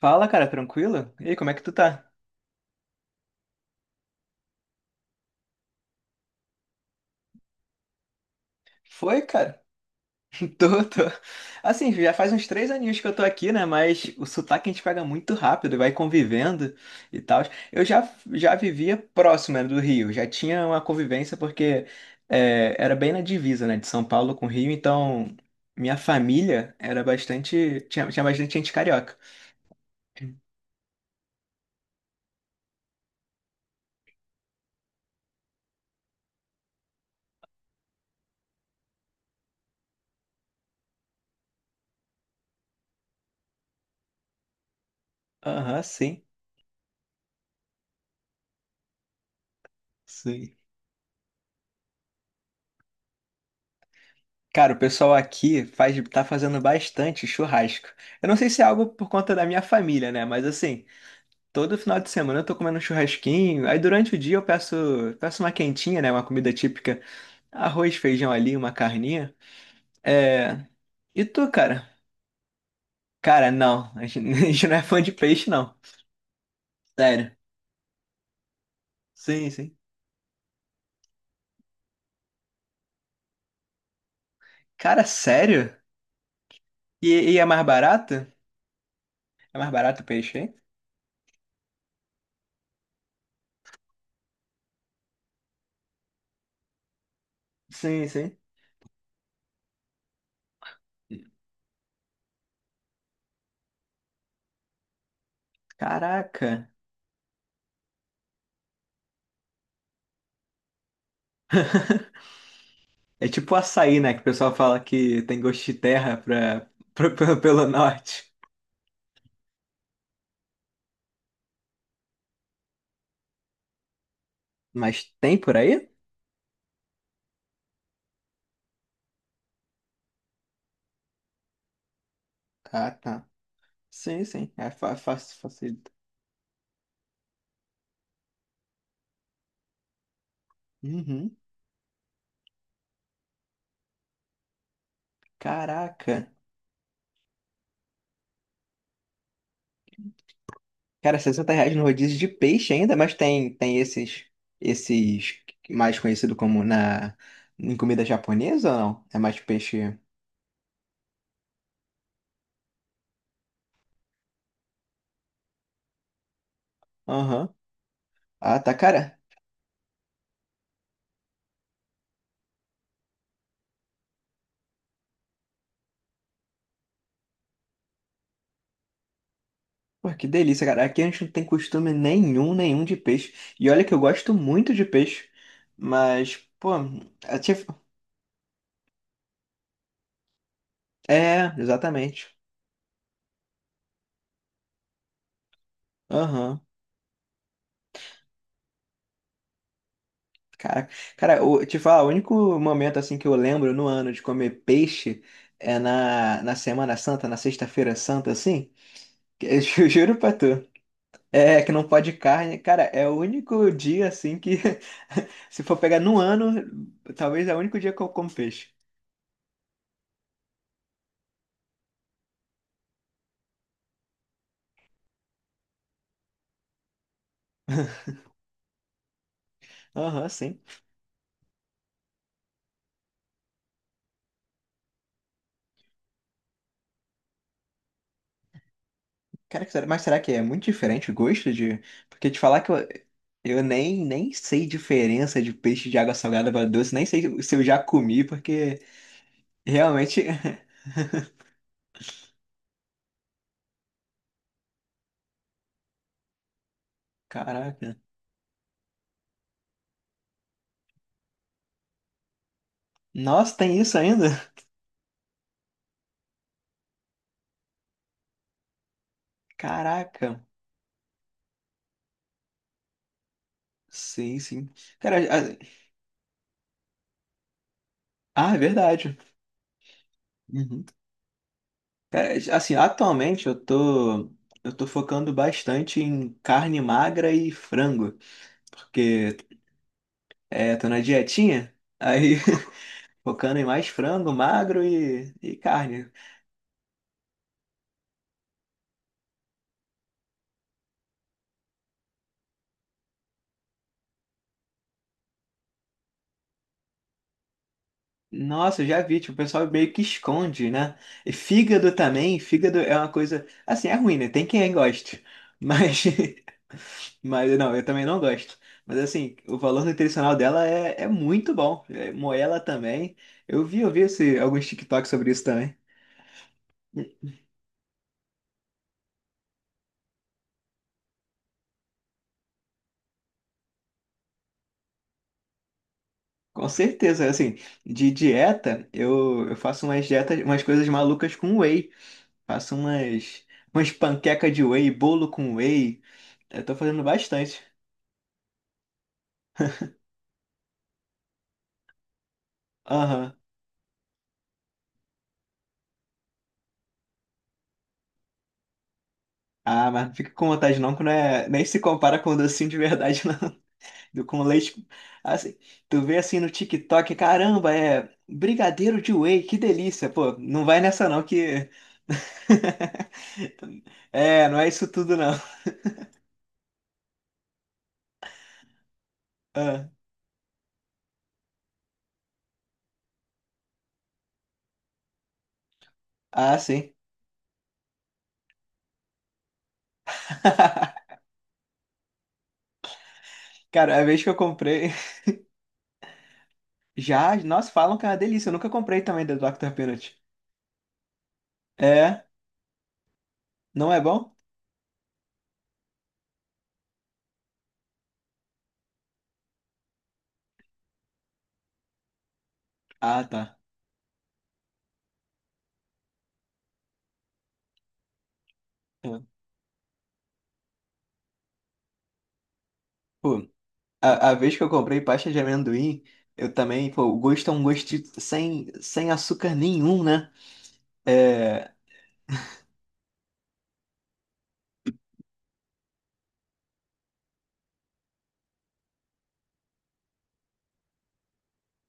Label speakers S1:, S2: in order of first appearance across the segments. S1: Fala, cara, tranquilo? E aí, como é que tu tá? Foi, cara? Tô, tô. Assim, já faz uns três aninhos que eu tô aqui, né? Mas o sotaque a gente pega muito rápido, vai convivendo e tal. Eu já vivia próximo, né, do Rio, já tinha uma convivência porque é, era bem na divisa, né, de São Paulo com o Rio, então minha família era bastante. Tinha bastante gente carioca. Aham, sim, sim. Cara, o pessoal aqui faz, tá fazendo bastante churrasco. Eu não sei se é algo por conta da minha família, né? Mas assim, todo final de semana eu tô comendo um churrasquinho. Aí durante o dia eu peço, peço uma quentinha, né? Uma comida típica. Arroz, feijão ali, uma carninha. É... E tu, cara? Cara, não. A gente a gente não é fã de peixe, não. Sério. Sim, sim. Cara, sério? E é mais barato? É mais barato o peixe, hein? Sim, sim. Caraca. É tipo açaí, né? Que o pessoal fala que tem gosto de terra pra, pra- pelo norte. Mas tem por aí? Ah, tá. Sim, sim. É fa- fácil, facilita. Uhum. Caraca. Cara, 60 reais no rodízio de peixe ainda, mas tem esses, esses mais conhecido como na, em comida japonesa ou não? É mais peixe. Aham. Ah, tá, cara. Pô, que delícia, cara. Aqui a gente não tem costume nenhum, nenhum de peixe. E olha que eu gosto muito de peixe. Mas, pô, eu te... é, exatamente. Aham. Cara, cara, eu te falar, o único momento assim que eu lembro no ano de comer peixe é na, na Semana Santa, na Sexta-feira Santa, assim. Que eu ju- juro pra tu. É, que não pode carne. Cara, é o único dia assim que, se for pegar no ano, talvez é o único dia que eu como peixe. Aham, sim. Cara, será- mas será que é muito diferente o gosto de. Porque te falar que eu nem, nem sei diferença de peixe de água salgada para doce, nem sei se eu já comi, porque realmente. Caraca. Nossa, tem isso ainda? Caraca. Sim, sim. Cara, a- ah, é verdade. Uhum. Cara, assim, atualmente eu tô. Eu tô focando bastante em carne magra e frango, porque é, tô na dietinha, aí. Focando em mais frango, magro e carne. Nossa, eu já vi, tipo, o pessoal meio que esconde, né? E fígado também, fígado é uma coisa. Assim, é ruim, né? Tem quem goste. Mas. Mas não, eu também não gosto. Mas assim, o valor nutricional dela é, é muito bom. É, moela também. Eu vi esse, alguns TikToks sobre isso também. Com certeza, assim, de dieta, eu faço umas dietas, umas coisas malucas com whey. Faço umas, umas panqueca de whey, bolo com whey. Eu tô fazendo bastante. Aham. Ah, mas não fica com vontade não, que não é, nem se compara com docinho de verdade, não. Do- Com leite. Assim, tu vê assim no TikTok, caramba, é brigadeiro de whey, que delícia. Pô, não vai nessa não que. É, não é isso tudo não. Ah, ah, sim. Cara, a vez que eu comprei. Já, nossa, falam que é uma delícia. Eu nunca comprei também da Dr. Peanut. É, não é bom? Ah, tá. É. Pô, a vez que eu comprei pasta de amendoim, eu também, pô, o gosto é um gosto sem, sem açúcar nenhum, né? É,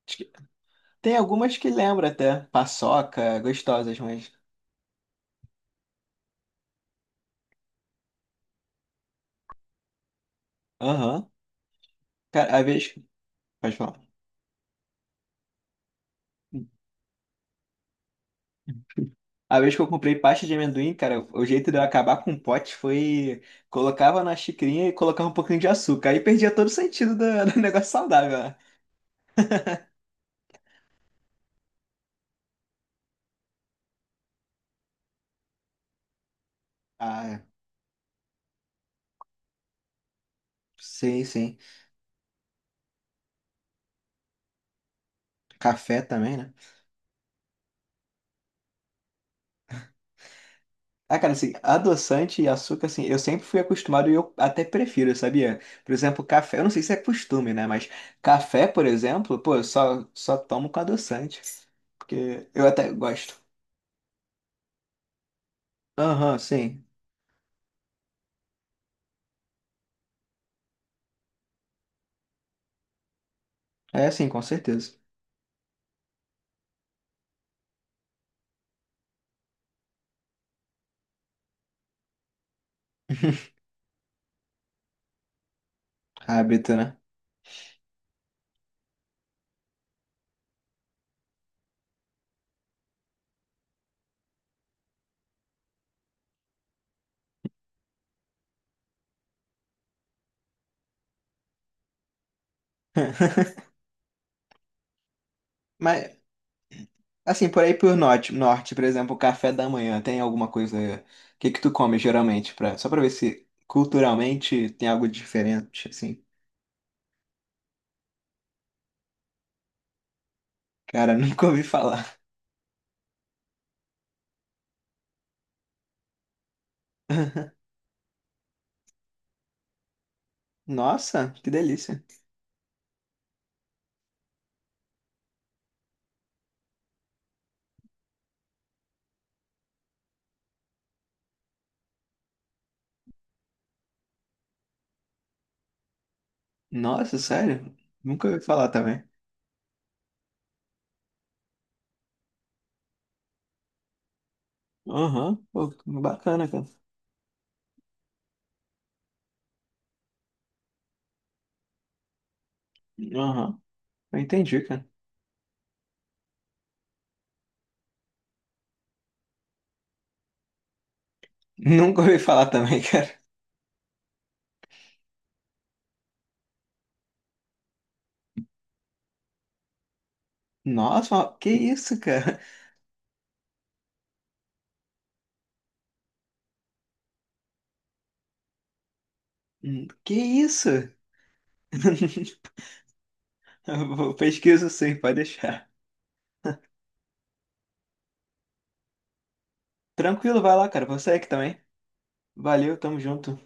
S1: acho que- tem algumas que lembra até, paçoca, gostosas, mas... Aham. Cara, a vez... Pode falar. A vez que eu comprei pasta de amendoim, cara, o jeito de eu acabar com o pote foi... Colocava na xicrinha e colocava um pouquinho de açúcar. Aí perdia todo o sentido do, do negócio saudável, né? Ah, sim, sim. Café também, né? Ah, cara, assim, adoçante e açúcar, assim, eu sempre fui acostumado e eu até prefiro, sabia? Por exemplo, café, eu não sei se é costume, né? Mas café, por exemplo, pô, eu só tomo com adoçante, porque eu até gosto. Aham, sim. É, sim, com certeza. Hábito, né? Mas, assim, por aí por norte, norte, por exemplo, café da manhã, tem alguma coisa... O que que tu come, geralmente, pra... só pra ver se culturalmente tem algo diferente, assim. Cara, nunca ouvi falar. Nossa, que delícia. Nossa, sério? Nunca ouvi falar também. Aham, pô, bacana, cara. Aham, eu entendi, cara. Nunca ouvi falar também, cara. Nossa, mas que isso, cara? Que isso? Eu pesquiso sim, pode deixar. Tranquilo, vai lá, cara. Você aqui também. Valeu, tamo junto.